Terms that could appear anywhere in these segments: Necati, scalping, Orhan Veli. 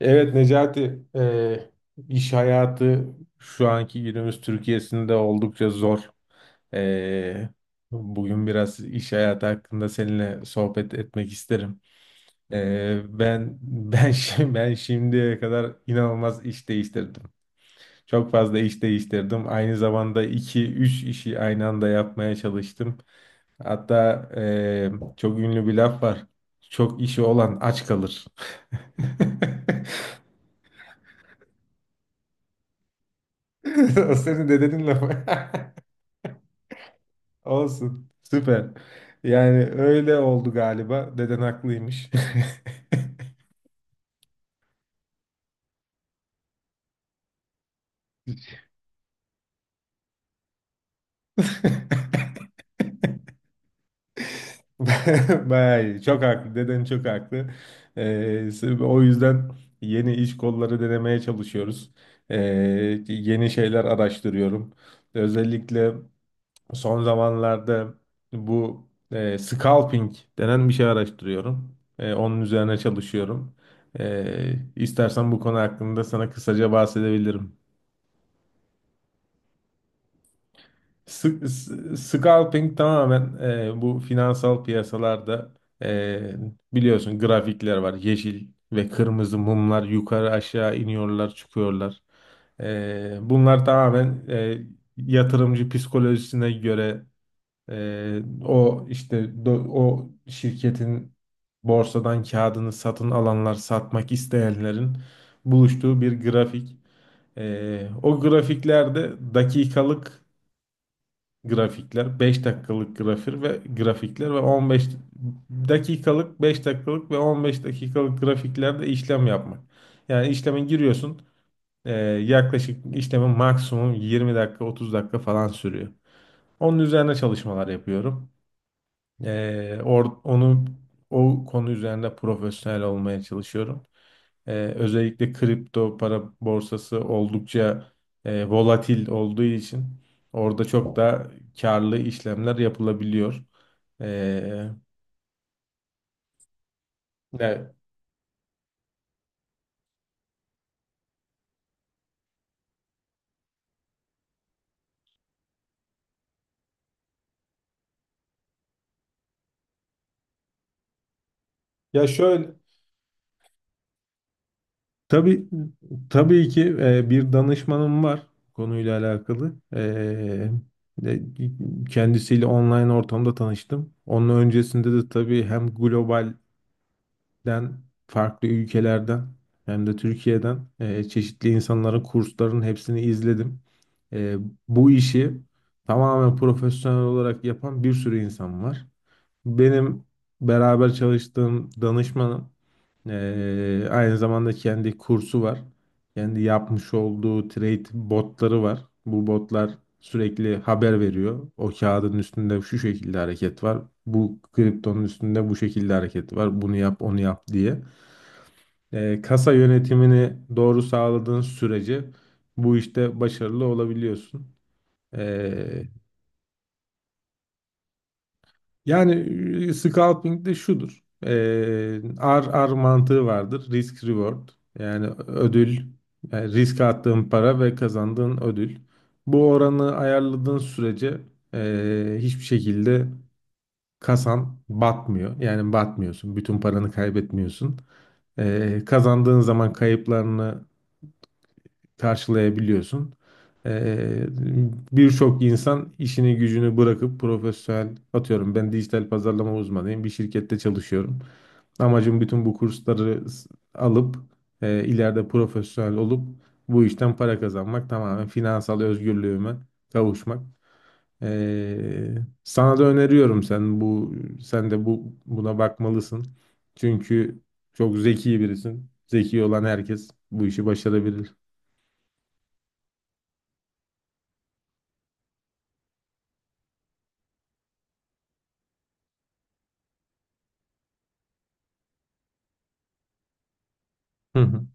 Evet Necati, iş hayatı şu anki günümüz Türkiye'sinde oldukça zor. E, Bugün biraz iş hayatı hakkında seninle sohbet etmek isterim. Ben ben şimdiye kadar inanılmaz iş değiştirdim. Çok fazla iş değiştirdim. Aynı zamanda iki üç işi aynı anda yapmaya çalıştım. Hatta çok ünlü bir laf var. Çok işi olan aç kalır. O senin dedenin lafı. Olsun. Süper. Yani öyle oldu galiba. Deden haklıymış. Bayağı iyi. Çok haklı. Deden çok haklı. Sırf o yüzden yeni iş kolları denemeye çalışıyoruz. Ee, Yeni şeyler araştırıyorum. Özellikle son zamanlarda bu scalping denen bir şey araştırıyorum. Onun üzerine çalışıyorum. İstersen bu konu hakkında sana kısaca bahsedebilirim. Scalping tamamen, bu finansal piyasalarda, e, biliyorsun, grafikler var. Yeşil ve kırmızı mumlar yukarı aşağı iniyorlar çıkıyorlar. Bunlar tamamen, yatırımcı psikolojisine göre, Ee, o işte, o şirketin borsadan kağıdını satın alanlar, satmak isteyenlerin buluştuğu bir grafik. O grafiklerde dakikalık grafikler, 5 dakikalık grafik ve grafikler ve 15 dakikalık, 5 dakikalık ve 15 dakikalık grafiklerde işlem yapmak. Yani işleme giriyorsun. Yaklaşık işlemin maksimum 20 dakika, 30 dakika falan sürüyor. Onun üzerine çalışmalar yapıyorum. Or- onu O konu üzerinde profesyonel olmaya çalışıyorum. Özellikle kripto para borsası oldukça volatil olduğu için orada çok da karlı işlemler yapılabiliyor. Ee, Ya, ya şöyle, tabii tabii ki bir danışmanım var konuyla alakalı. E, Kendisiyle online ortamda tanıştım. Onun öncesinde de tabii hem global den farklı ülkelerden hem de Türkiye'den çeşitli insanların kurslarının hepsini izledim. E, Bu işi tamamen profesyonel olarak yapan bir sürü insan var. Benim beraber çalıştığım danışmanım, aynı zamanda kendi kursu var. Kendi yapmış olduğu trade botları var. Bu botlar sürekli haber veriyor. O kağıdın üstünde şu şekilde hareket var. Bu kriptonun üstünde bu şekilde hareket var. Bunu yap, onu yap diye. Kasa yönetimini doğru sağladığın sürece bu işte başarılı olabiliyorsun. E, Yani, scalping de şudur. RR mantığı vardır. Risk reward. Yani ödül, yani risk attığın para ve kazandığın ödül. Bu oranı ayarladığın sürece, hiçbir şekilde kasan batmıyor. Yani batmıyorsun. Bütün paranı kaybetmiyorsun. Kazandığın zaman kayıplarını karşılayabiliyorsun. Ee, Birçok insan işini gücünü bırakıp profesyonel, atıyorum, ben dijital pazarlama uzmanıyım, bir şirkette çalışıyorum. Amacım bütün bu kursları alıp, ileride profesyonel olup bu işten para kazanmak, tamamen finansal özgürlüğüme kavuşmak. Ee, Sana da öneriyorum, sen de buna bakmalısın. Çünkü çok zeki birisin. Zeki olan herkes bu işi başarabilir. Hı hı.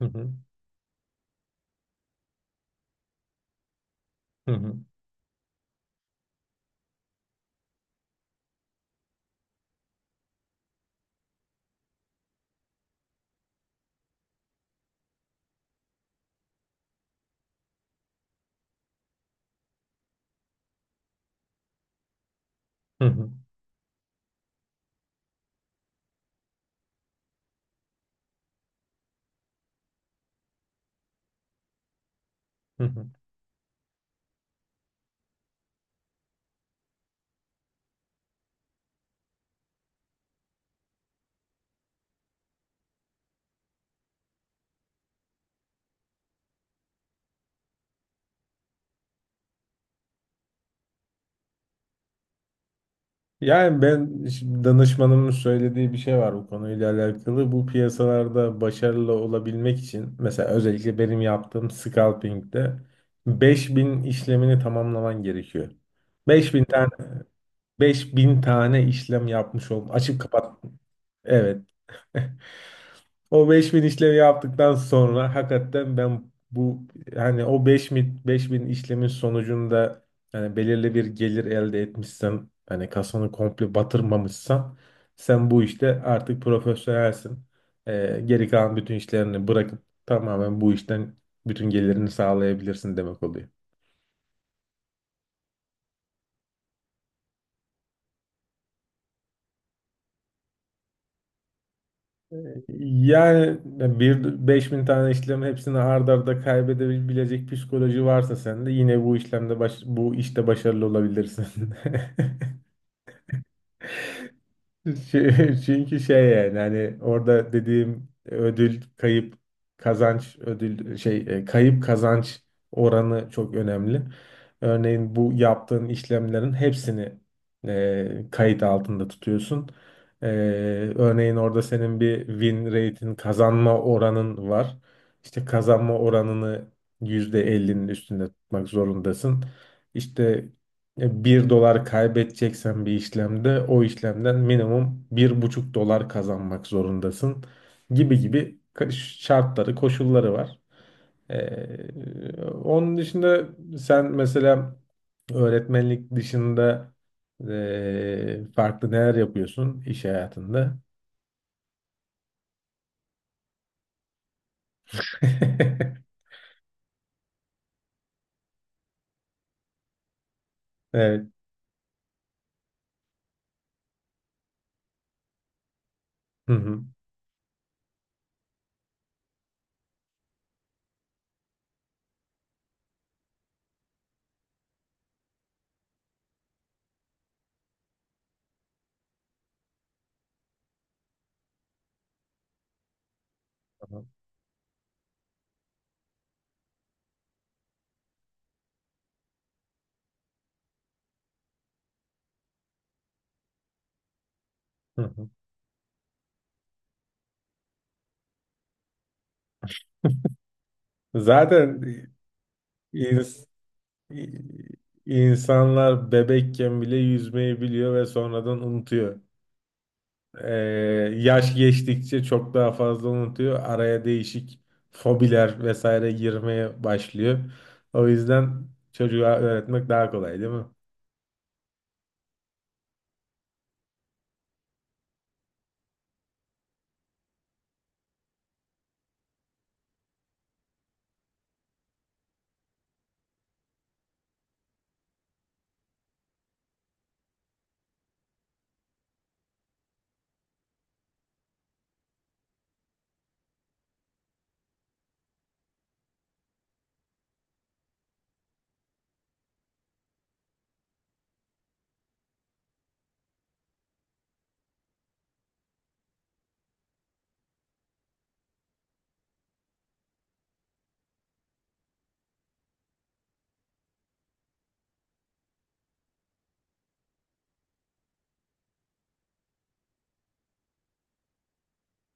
Hı hı, hı hı, hı hı, hı hı. Yani ben şimdi danışmanımın söylediği bir şey var bu konuyla alakalı. Bu piyasalarda başarılı olabilmek için mesela özellikle benim yaptığım scalping'de 5.000 işlemini tamamlaman gerekiyor. 5000 tane 5000 tane işlem yapmış ol. Açıp kapat. Evet. O 5.000 işlemi yaptıktan sonra hakikaten ben bu, hani o beş bin işlemin sonucunda, yani belirli bir gelir elde etmişsen, hani kasanı komple batırmamışsan, sen bu işte artık profesyonelsin. Geri kalan bütün işlerini bırakıp tamamen bu işten bütün gelirini sağlayabilirsin demek oluyor. Yani bir 5.000 tane işlem hepsini ard arda kaybedebilecek psikoloji varsa sende, yine bu işlemde bu işte başarılı olabilirsin. Çünkü şey, yani hani orada dediğim ödül kayıp kazanç ödül şey kayıp kazanç oranı çok önemli. Örneğin bu yaptığın işlemlerin hepsini kayıt altında tutuyorsun. E, Örneğin orada senin bir win rate'in, kazanma oranın var. İşte kazanma oranını %50'nin üstünde tutmak zorundasın. İşte 1 dolar kaybedeceksen bir işlemde, o işlemden minimum 1,5 dolar kazanmak zorundasın, gibi gibi şartları, koşulları var. Onun dışında sen, mesela öğretmenlik dışında, farklı neler yapıyorsun iş hayatında? Evet. Hı hı. Tamam. Hı hı. Zaten ins- insanlar bebekken bile yüzmeyi biliyor ve sonradan unutuyor. Ee, Yaş geçtikçe çok daha fazla unutuyor. Araya değişik fobiler vesaire girmeye başlıyor. O yüzden çocuğa öğretmek daha kolay, değil mi?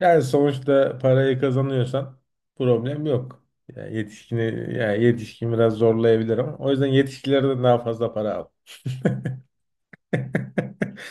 Yani sonuçta parayı kazanıyorsan problem yok. Yani yetişkin biraz zorlayabilir, ama o yüzden yetişkilerden daha fazla para al.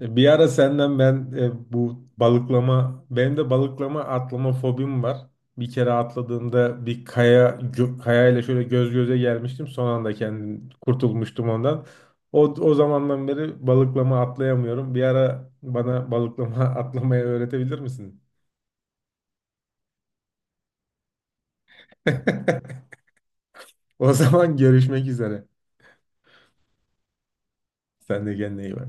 Bir ara senden ben, bu balıklama, benim de balıklama atlama fobim var. Bir kere atladığımda bir kaya kayayla şöyle göz göze gelmiştim. Son anda kendim kurtulmuştum ondan. O zamandan beri balıklama atlayamıyorum. Bir ara bana balıklama atlamayı öğretebilir misin? O zaman görüşmek üzere. Sen de kendine iyi bak.